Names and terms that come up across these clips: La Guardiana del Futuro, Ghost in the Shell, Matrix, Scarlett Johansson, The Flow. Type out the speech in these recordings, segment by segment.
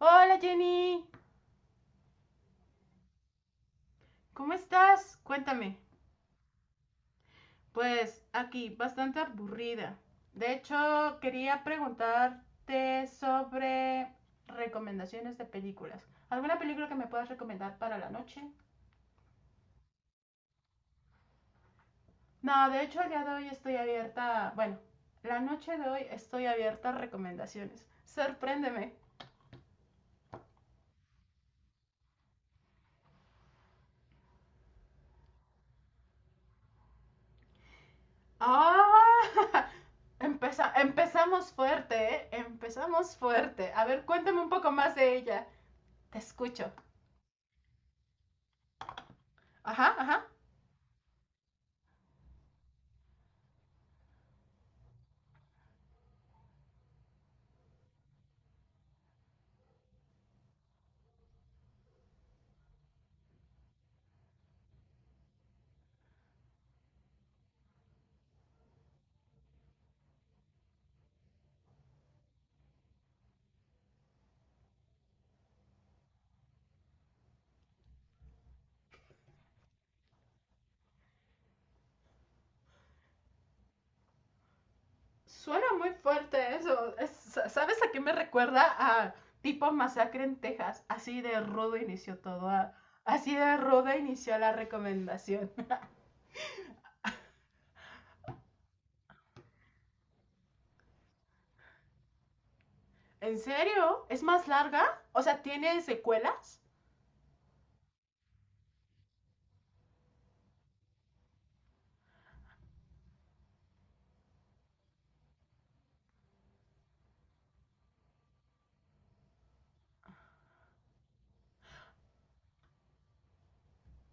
Hola Jenny, ¿cómo estás? Cuéntame. Pues aquí, bastante aburrida. De hecho, quería preguntarte sobre recomendaciones de películas. ¿Alguna película que me puedas recomendar para la noche? No, de hecho, el día de hoy estoy abierta. Bueno, la noche de hoy estoy abierta a recomendaciones. Sorpréndeme. ¡Ah! Empezamos fuerte, ¿eh? Empezamos fuerte. A ver, cuéntame un poco más de ella. Te escucho. Ajá, ajá. Suena muy fuerte eso. ¿Sabes a qué me recuerda? A tipo masacre en Texas. Así de rudo inició todo. Así de ruda inició la recomendación. ¿En serio? ¿Es más larga? O sea, ¿tiene secuelas?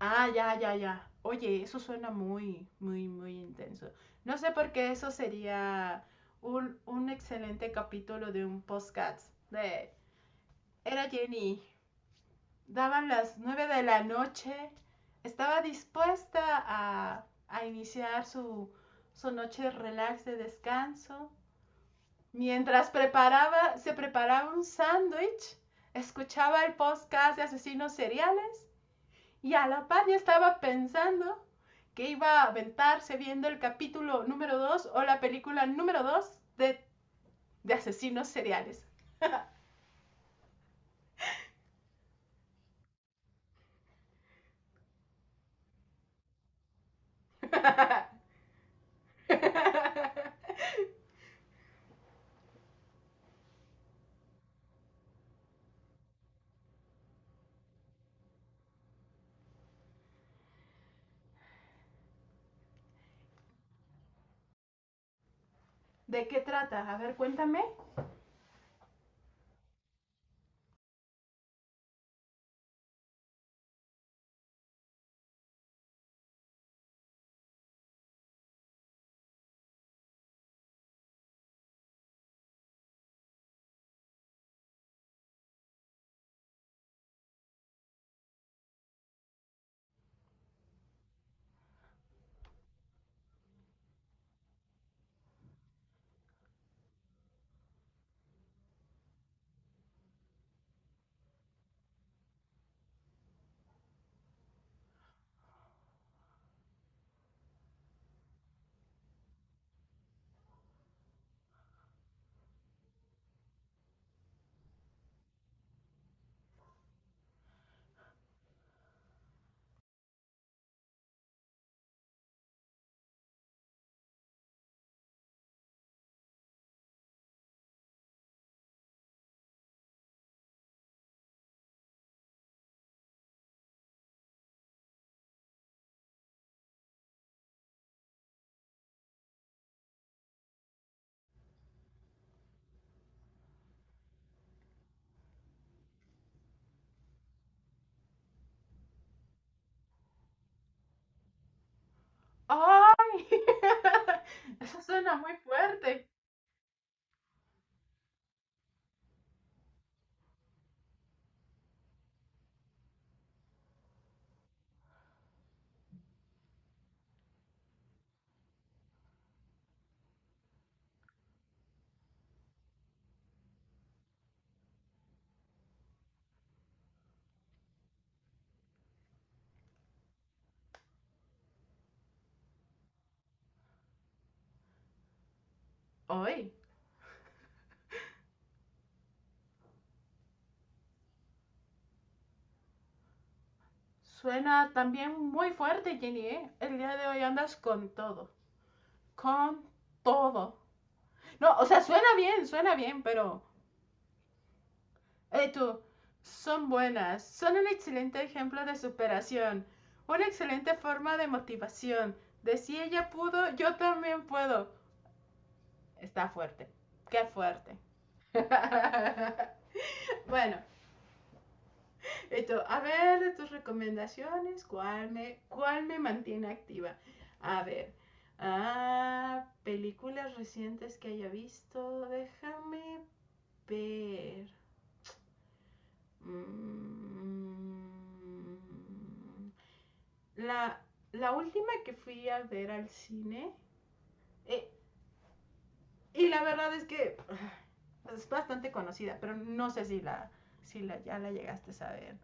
Ah, ya, ya, ya. Oye, eso suena muy, muy, muy intenso. No sé por qué eso sería un excelente capítulo de un podcast de. Era Jenny, daban las 9 de la noche, estaba dispuesta a iniciar su noche relax de descanso. Mientras preparaba, se preparaba un sándwich, escuchaba el podcast de asesinos seriales y a la par ya estaba pensando que iba a aventarse viendo el capítulo número 2 o la película número 2 de asesinos seriales. ¿De qué trata? A ver, cuéntame. ¡Ay! Eso suena muy fuerte. Hoy. Suena también muy fuerte, Jenny, ¿eh? El día de hoy andas con todo. Con todo. No, o sea, suena bien, pero... tú, son buenas. Son un excelente ejemplo de superación. Una excelente forma de motivación. De si ella pudo, yo también puedo. Está fuerte. Qué fuerte. Bueno, esto, a ver, de tus recomendaciones, ¿cuál me mantiene activa? A ver, películas recientes que haya visto, déjame ver. Mm, la, la última que fui a ver al cine, eh, y la verdad es que es bastante conocida, pero no sé si la, ya la llegaste a ver.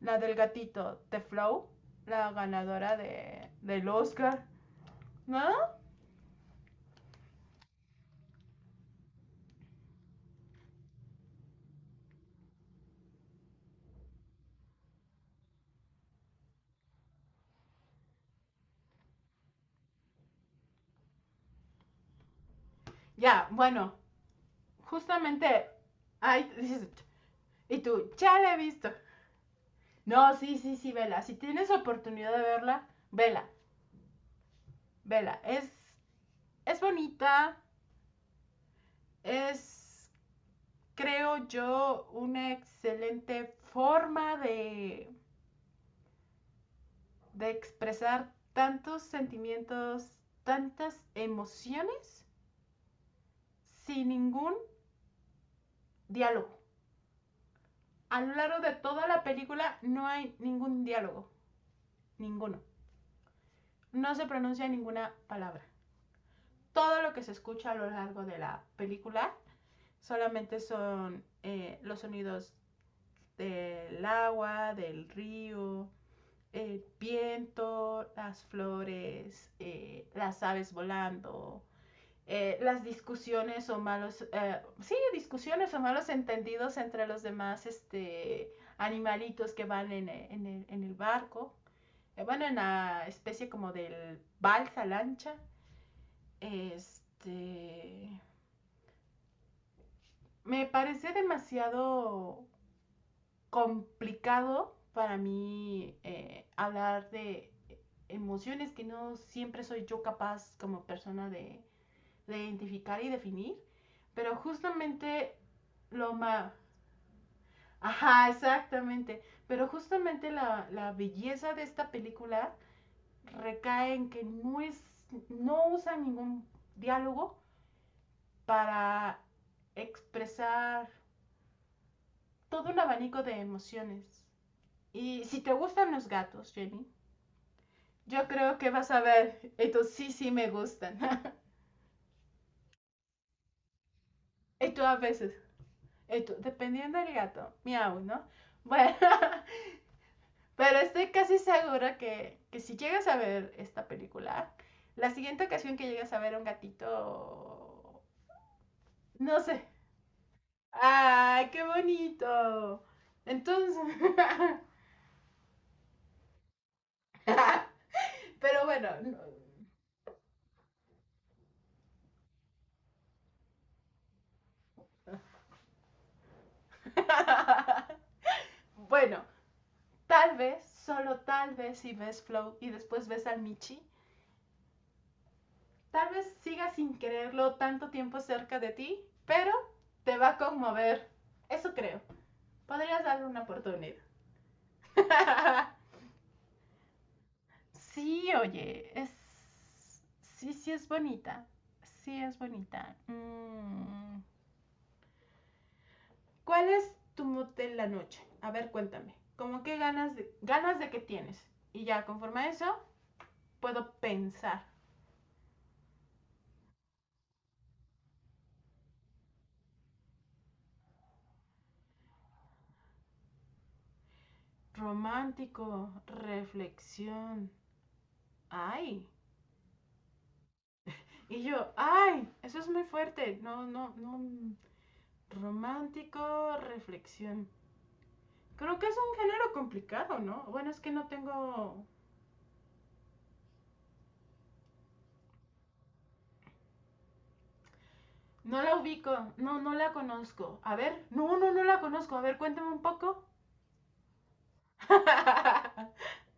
La del gatito, The Flow, la ganadora del Oscar, ¿no? Ya, bueno, justamente, ay, dices, y tú, ya la he visto. No, sí, sí, sí, vela. Si tienes oportunidad de verla, vela, vela. Es bonita, es, creo yo, una excelente forma de, expresar tantos sentimientos, tantas emociones sin ningún diálogo. A lo largo de toda la película no hay ningún diálogo, ninguno. No se pronuncia ninguna palabra. Todo lo que se escucha a lo largo de la película solamente son los sonidos del agua, del río, el viento, las flores, las aves volando, las discusiones o malos, sí, discusiones o malos entendidos entre los demás animalitos que van en el barco. Bueno, en la especie como del balsa lancha, este, me parecía demasiado complicado para mí hablar de emociones que no siempre soy yo capaz como persona de, identificar y definir, pero justamente lo más. Ajá, exactamente. Pero justamente la belleza de esta película recae en que no, no usa ningún diálogo para expresar todo un abanico de emociones. Y si te gustan los gatos, Jenny, yo creo que vas a ver, estos sí, sí me gustan. Esto a veces, esto, dependiendo del gato, miau, ¿no? Bueno, pero estoy casi segura que si llegas a ver esta película, la siguiente ocasión que llegas a ver a un gatito, no sé. Ay, qué bonito. Entonces, pero bueno, no. Bueno, tal vez, solo tal vez si ves Flow y después ves al Michi, tal vez sigas sin quererlo tanto tiempo cerca de ti, pero te va a conmover. Eso creo. Podrías darle una oportunidad. Sí, oye, es. Sí, sí es bonita. Sí es bonita. Mm. ¿Cuál es tu mood de la noche? A ver, cuéntame. ¿Cómo qué ganas de qué tienes? Y ya, conforme a eso, puedo pensar. Romántico, reflexión. Ay. Y yo, ay, eso es muy fuerte. No, no, no. Romántico, reflexión. Creo que es un género complicado, ¿no? Bueno, es que no tengo... No la ubico, no, no la conozco. A ver, no, no, no la conozco. A ver, cuéntame un poco.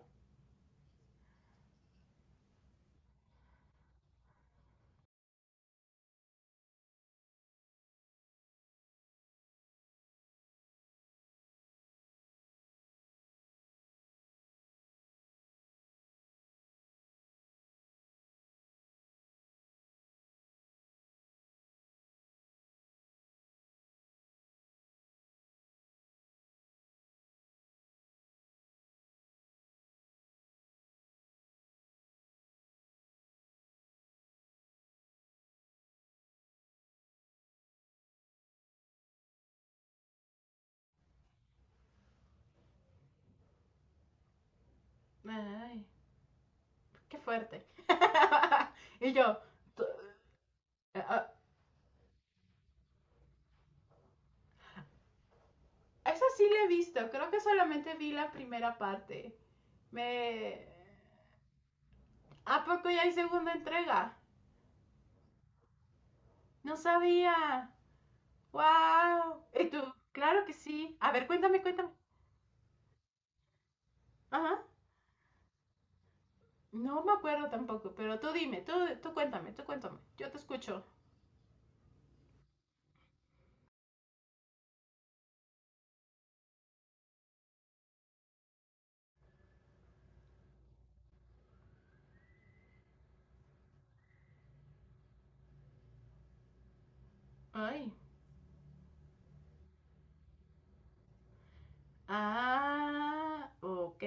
Ay, qué fuerte. Y yo, ah, esa sí la he visto, creo que solamente vi la primera parte. Me. ¿A poco ya hay segunda entrega? No sabía. ¡Wow! ¿Y tú? Claro que sí. A ver, cuéntame, cuéntame. Ajá. No me acuerdo tampoco, pero tú dime, tú cuéntame, tú cuéntame. Yo te escucho. Ay. Ah, ok.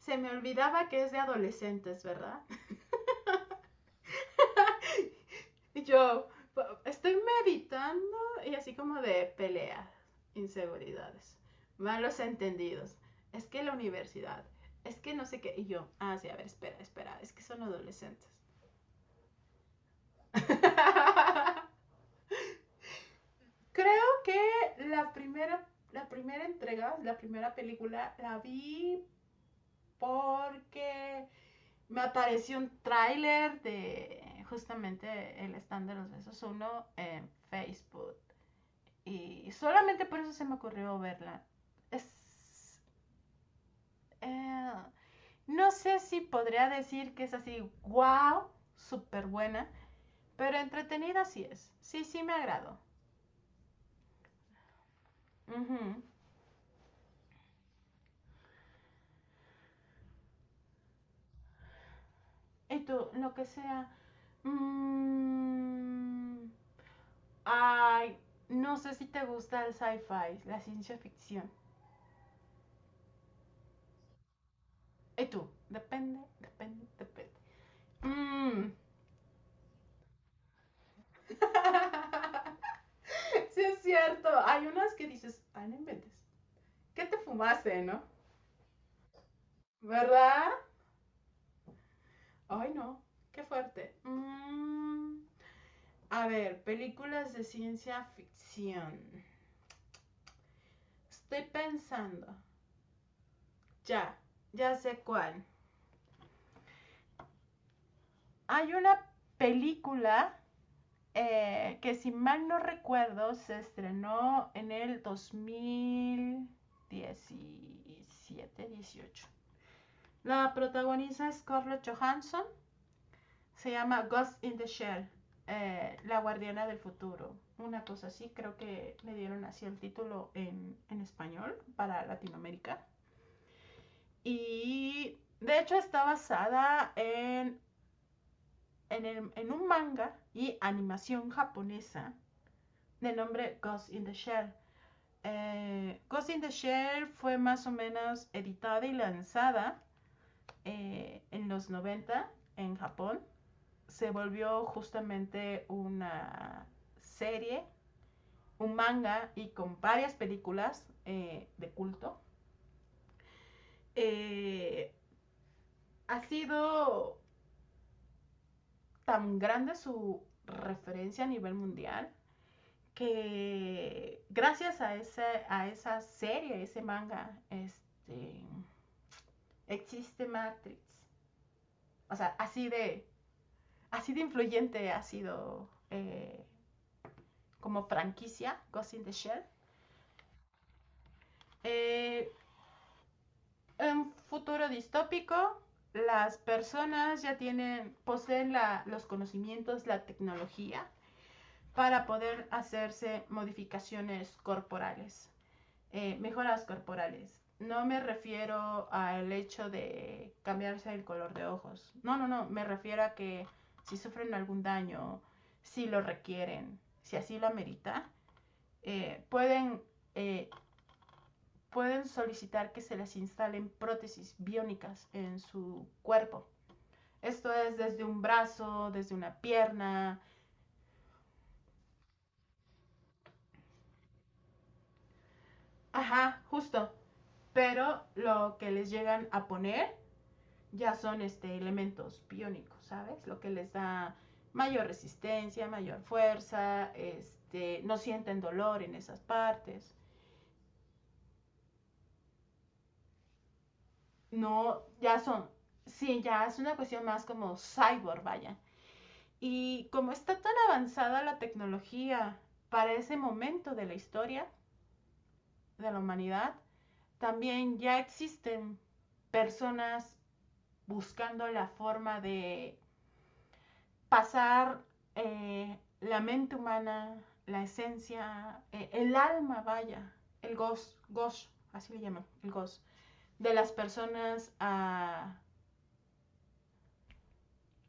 Se me olvidaba que es de adolescentes, ¿verdad? Y yo, estoy meditando y así como de peleas, inseguridades, malos entendidos. Es que la universidad, es que no sé qué. Y yo, ah, sí, a ver, espera, espera, es que son adolescentes. Creo que la primera entrega, la primera película, la vi porque me apareció un tráiler de justamente el stand de los besos uno en Facebook. Y solamente por eso se me ocurrió verla. Es, eh, no sé si podría decir que es así, wow, súper buena, pero entretenida sí es. Sí, sí me agradó. Ujú. Y tú, lo que sea. mm, Ay, no sé si te gusta el sci-fi, la ciencia ficción. Y tú, depende, depende, depende. Mm. Sí es cierto, hay unas que dices, ay, no inventes. ¿Qué te fumaste, no? ¿Verdad? Ay, no. Qué fuerte. A ver, películas de ciencia ficción. Estoy pensando. Ya, ya sé cuál. Hay una película que si mal no recuerdo se estrenó en el 2017-18. La protagoniza Scarlett Johansson. Se llama Ghost in the Shell, La Guardiana del Futuro. Una cosa así, creo que le dieron así el título en español para Latinoamérica. Y de hecho está basada en un manga y animación japonesa de nombre Ghost in the Shell. Ghost in the Shell fue más o menos editada y lanzada en los 90 en Japón, se volvió justamente una serie, un manga y con varias películas de culto. Eh, Ha sido tan grande su referencia a nivel mundial que gracias a esa serie, ese manga, existe Matrix. O sea, así de, influyente ha sido como franquicia Ghost in the Shell. Eh, En futuro distópico, las personas ya poseen los conocimientos, la tecnología para poder hacerse modificaciones corporales, mejoras corporales. No me refiero al hecho de cambiarse el color de ojos. No, no, no. Me refiero a que si sufren algún daño, si lo requieren, si así lo amerita, eh, pueden eh, pueden solicitar que se les instalen prótesis biónicas en su cuerpo. Esto es desde un brazo, desde una pierna, ajá, justo. Pero lo que les llegan a poner ya son elementos biónicos, ¿sabes? Lo que les da mayor resistencia, mayor fuerza, no sienten dolor en esas partes. No, sí, ya es una cuestión más como cyborg, vaya. Y como está tan avanzada la tecnología para ese momento de la historia de la humanidad, también ya existen personas buscando la forma de pasar la mente humana, la esencia, el alma, vaya, el gosh, gosh, así le llaman, el gosh, de las personas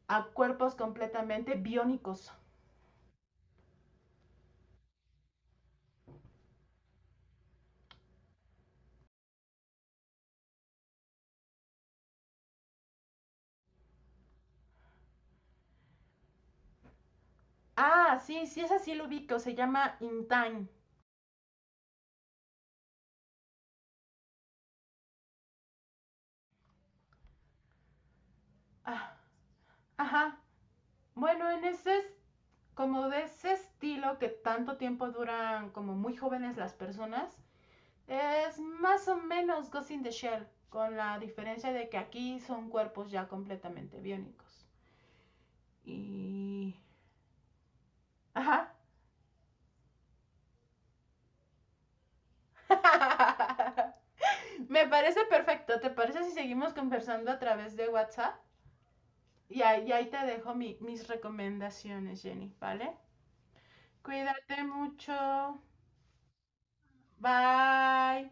a cuerpos completamente biónicos. Ah, sí, sí, es así lo ubico, se llama In Time. Ah, ajá. Bueno, en ese, como de ese estilo que tanto tiempo duran como muy jóvenes las personas, es más o menos Ghost in the Shell, con la diferencia de que aquí son cuerpos ya completamente biónicos. Y. Ajá. Me parece perfecto. ¿Te parece si seguimos conversando a través de WhatsApp? Y ahí te dejo mis recomendaciones, Jenny, ¿vale? Cuídate mucho. Bye.